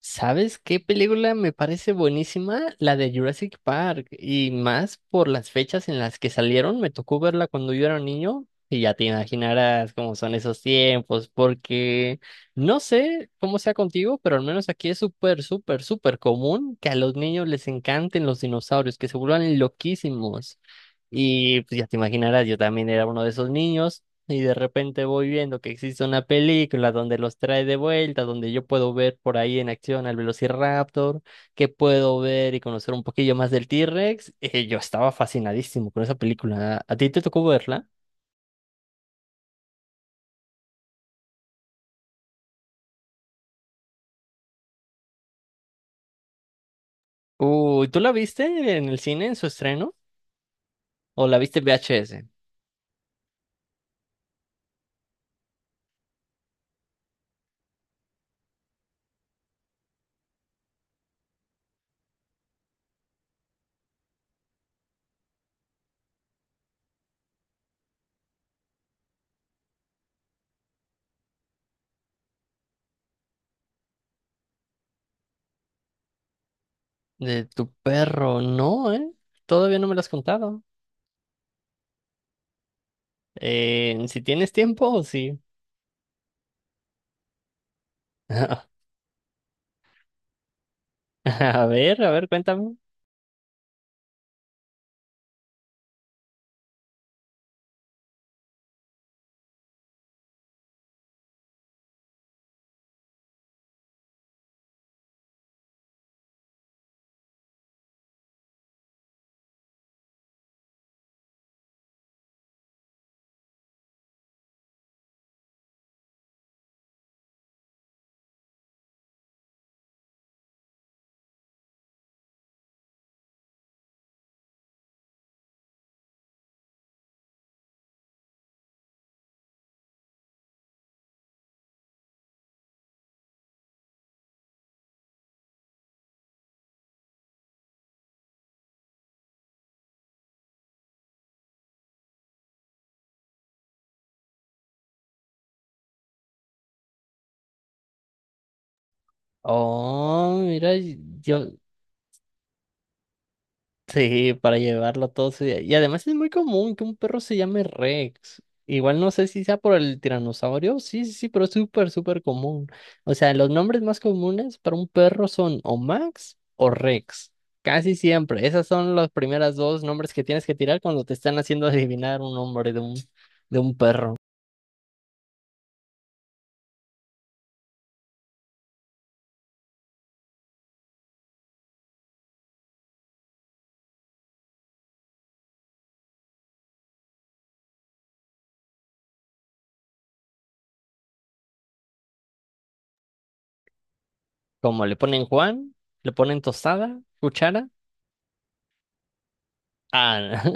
¿Sabes qué película me parece buenísima? La de Jurassic Park. Y más por las fechas en las que salieron. Me tocó verla cuando yo era niño. Y ya te imaginarás cómo son esos tiempos. Porque no sé cómo sea contigo, pero al menos aquí es súper, súper, súper común que a los niños les encanten los dinosaurios, que se vuelvan loquísimos. Y pues ya te imaginarás, yo también era uno de esos niños. Y de repente voy viendo que existe una película donde los trae de vuelta, donde yo puedo ver por ahí en acción al Velociraptor, que puedo ver y conocer un poquillo más del T-Rex. Yo estaba fascinadísimo con esa película. ¿A ti te tocó verla? Uy, ¿tú la viste en el cine en su estreno? ¿O la viste en VHS? De tu perro, no, ¿eh? Todavía no me lo has contado. Si tienes tiempo, sí. A ver, cuéntame. Oh, mira, yo. Sí, para llevarlo todo, sí. Y además es muy común que un perro se llame Rex. Igual no sé si sea por el tiranosaurio. Sí, sí, sí, pero es súper, súper común. O sea, los nombres más comunes para un perro son o Max o Rex. Casi siempre. Esas son las primeras dos nombres que tienes que tirar cuando te están haciendo adivinar un nombre de de un perro. Como le ponen Juan, le ponen tostada, cuchara, ah,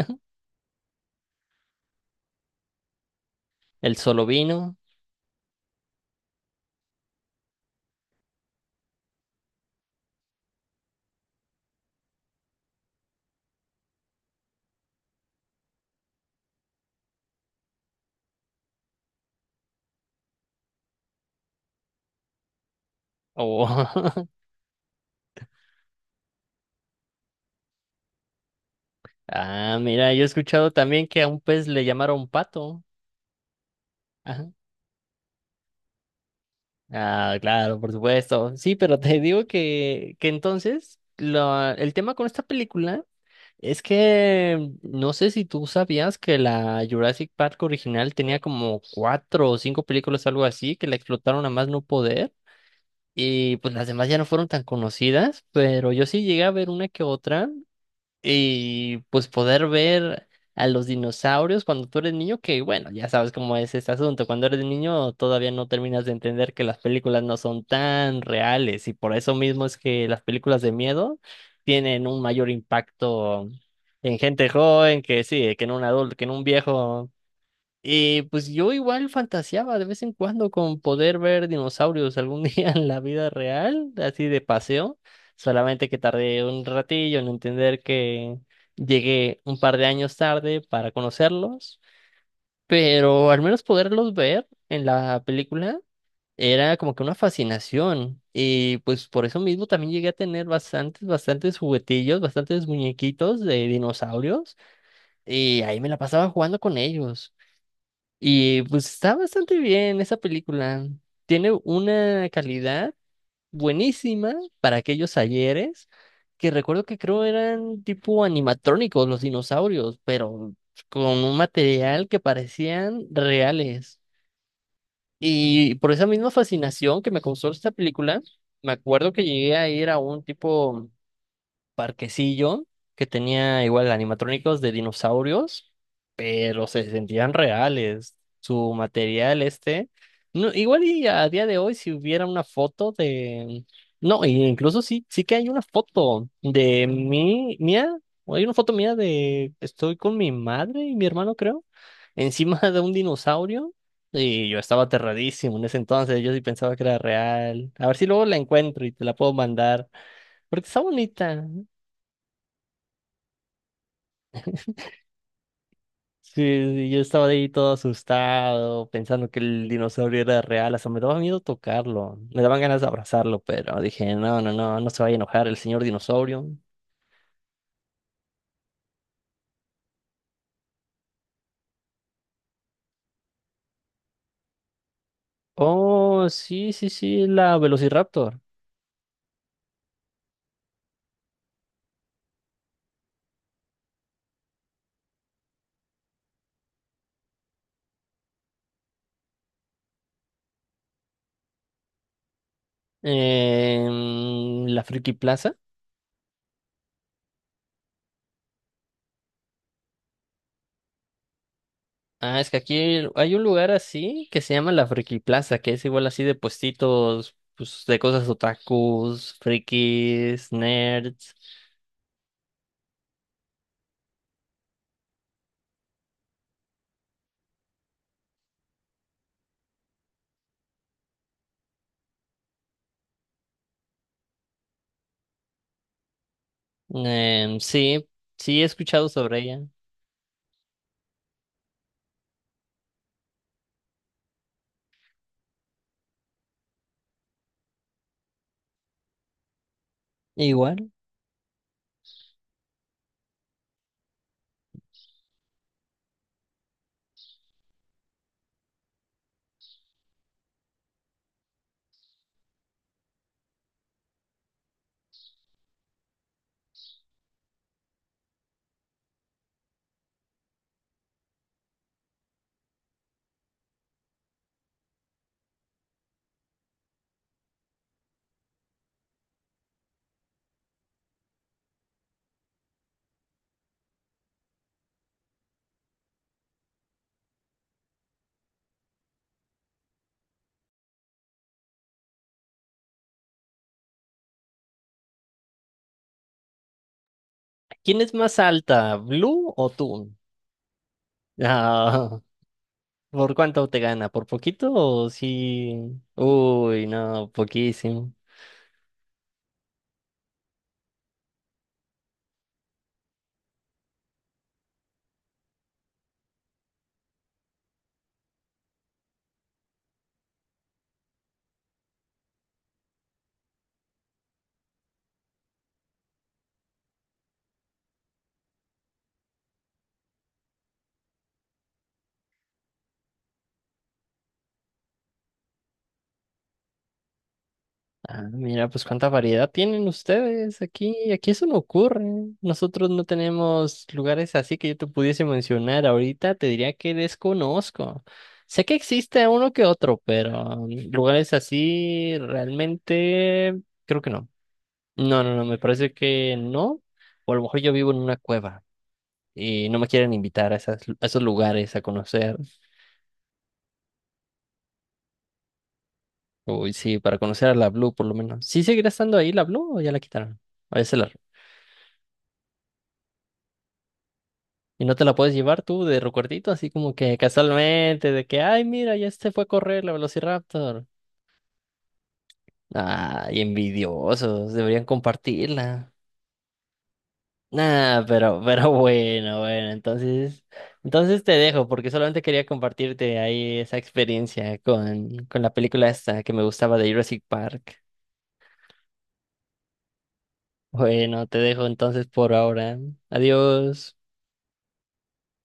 el solo vino o... Ah, mira, yo he escuchado también que a un pez le llamaron pato. Ajá. Ah, claro, por supuesto. Sí, pero te digo que entonces el tema con esta película es que no sé si tú sabías que la Jurassic Park original tenía como cuatro o cinco películas, algo así, que la explotaron a más no poder. Y pues las demás ya no fueron tan conocidas, pero yo sí llegué a ver una que otra. Y pues poder ver a los dinosaurios cuando tú eres niño, que bueno, ya sabes cómo es este asunto. Cuando eres niño todavía no terminas de entender que las películas no son tan reales y por eso mismo es que las películas de miedo tienen un mayor impacto en gente joven que sí, que en un adulto, que en un viejo. Y pues yo igual fantaseaba de vez en cuando con poder ver dinosaurios algún día en la vida real, así de paseo, solamente que tardé un ratillo en entender que llegué un par de años tarde para conocerlos, pero al menos poderlos ver en la película era como que una fascinación y pues por eso mismo también llegué a tener bastantes, bastantes juguetillos, bastantes muñequitos de dinosaurios y ahí me la pasaba jugando con ellos. Y pues está bastante bien esa película. Tiene una calidad buenísima para aquellos ayeres, que recuerdo que creo eran tipo animatrónicos los dinosaurios, pero con un material que parecían reales. Y por esa misma fascinación que me causó esta película, me acuerdo que llegué a ir a un tipo parquecillo que tenía igual animatrónicos de dinosaurios, pero se sentían reales. Su material este, no, igual y a día de hoy si hubiera una foto de, no, e incluso sí, sí que hay una foto de mía, o hay una foto mía de, estoy con mi madre y mi hermano creo, encima de un dinosaurio. Y yo estaba aterradísimo en ese entonces, yo sí pensaba que era real. A ver si luego la encuentro y te la puedo mandar. Porque está bonita. Sí, sí, yo estaba ahí todo asustado, pensando que el dinosaurio era real, hasta me daba miedo tocarlo, me daban ganas de abrazarlo, pero dije, no, no, no, no se vaya a enojar el señor dinosaurio. Oh, sí, sí, sí, la Velociraptor. Em, la Friki Plaza. Ah, es que aquí hay un lugar así que se llama la Friki Plaza, que es igual así de puestitos, pues de cosas otakus, frikis, nerds. Em, sí, sí he escuchado sobre ella. Igual. ¿Quién es más alta, Blue o tú? Ah, ¿por cuánto te gana? ¿Por poquito o sí? Uy, no, poquísimo. Ah, mira, pues cuánta variedad tienen ustedes aquí. Aquí eso no ocurre. Nosotros no tenemos lugares así que yo te pudiese mencionar ahorita. Te diría que desconozco. Sé que existe uno que otro, pero mm, lugares así realmente creo que no. No, no, no, me parece que no. O a lo mejor yo vivo en una cueva y no me quieren invitar a, esas, a esos lugares a conocer. Uy, sí, para conocer a la Blue por lo menos. ¿Sí seguirá estando ahí la Blue o ya la quitaron? A veces la... ¿Y no te la puedes llevar tú de recuerdito, así como que casualmente, de que, ay, mira, ya se fue a correr la Velociraptor? Ay, envidiosos, deberían compartirla. Nah, pero bueno, bueno, entonces, entonces te dejo porque solamente quería compartirte ahí esa experiencia con la película esta que me gustaba de Jurassic Park. Bueno, te dejo entonces por ahora. Adiós.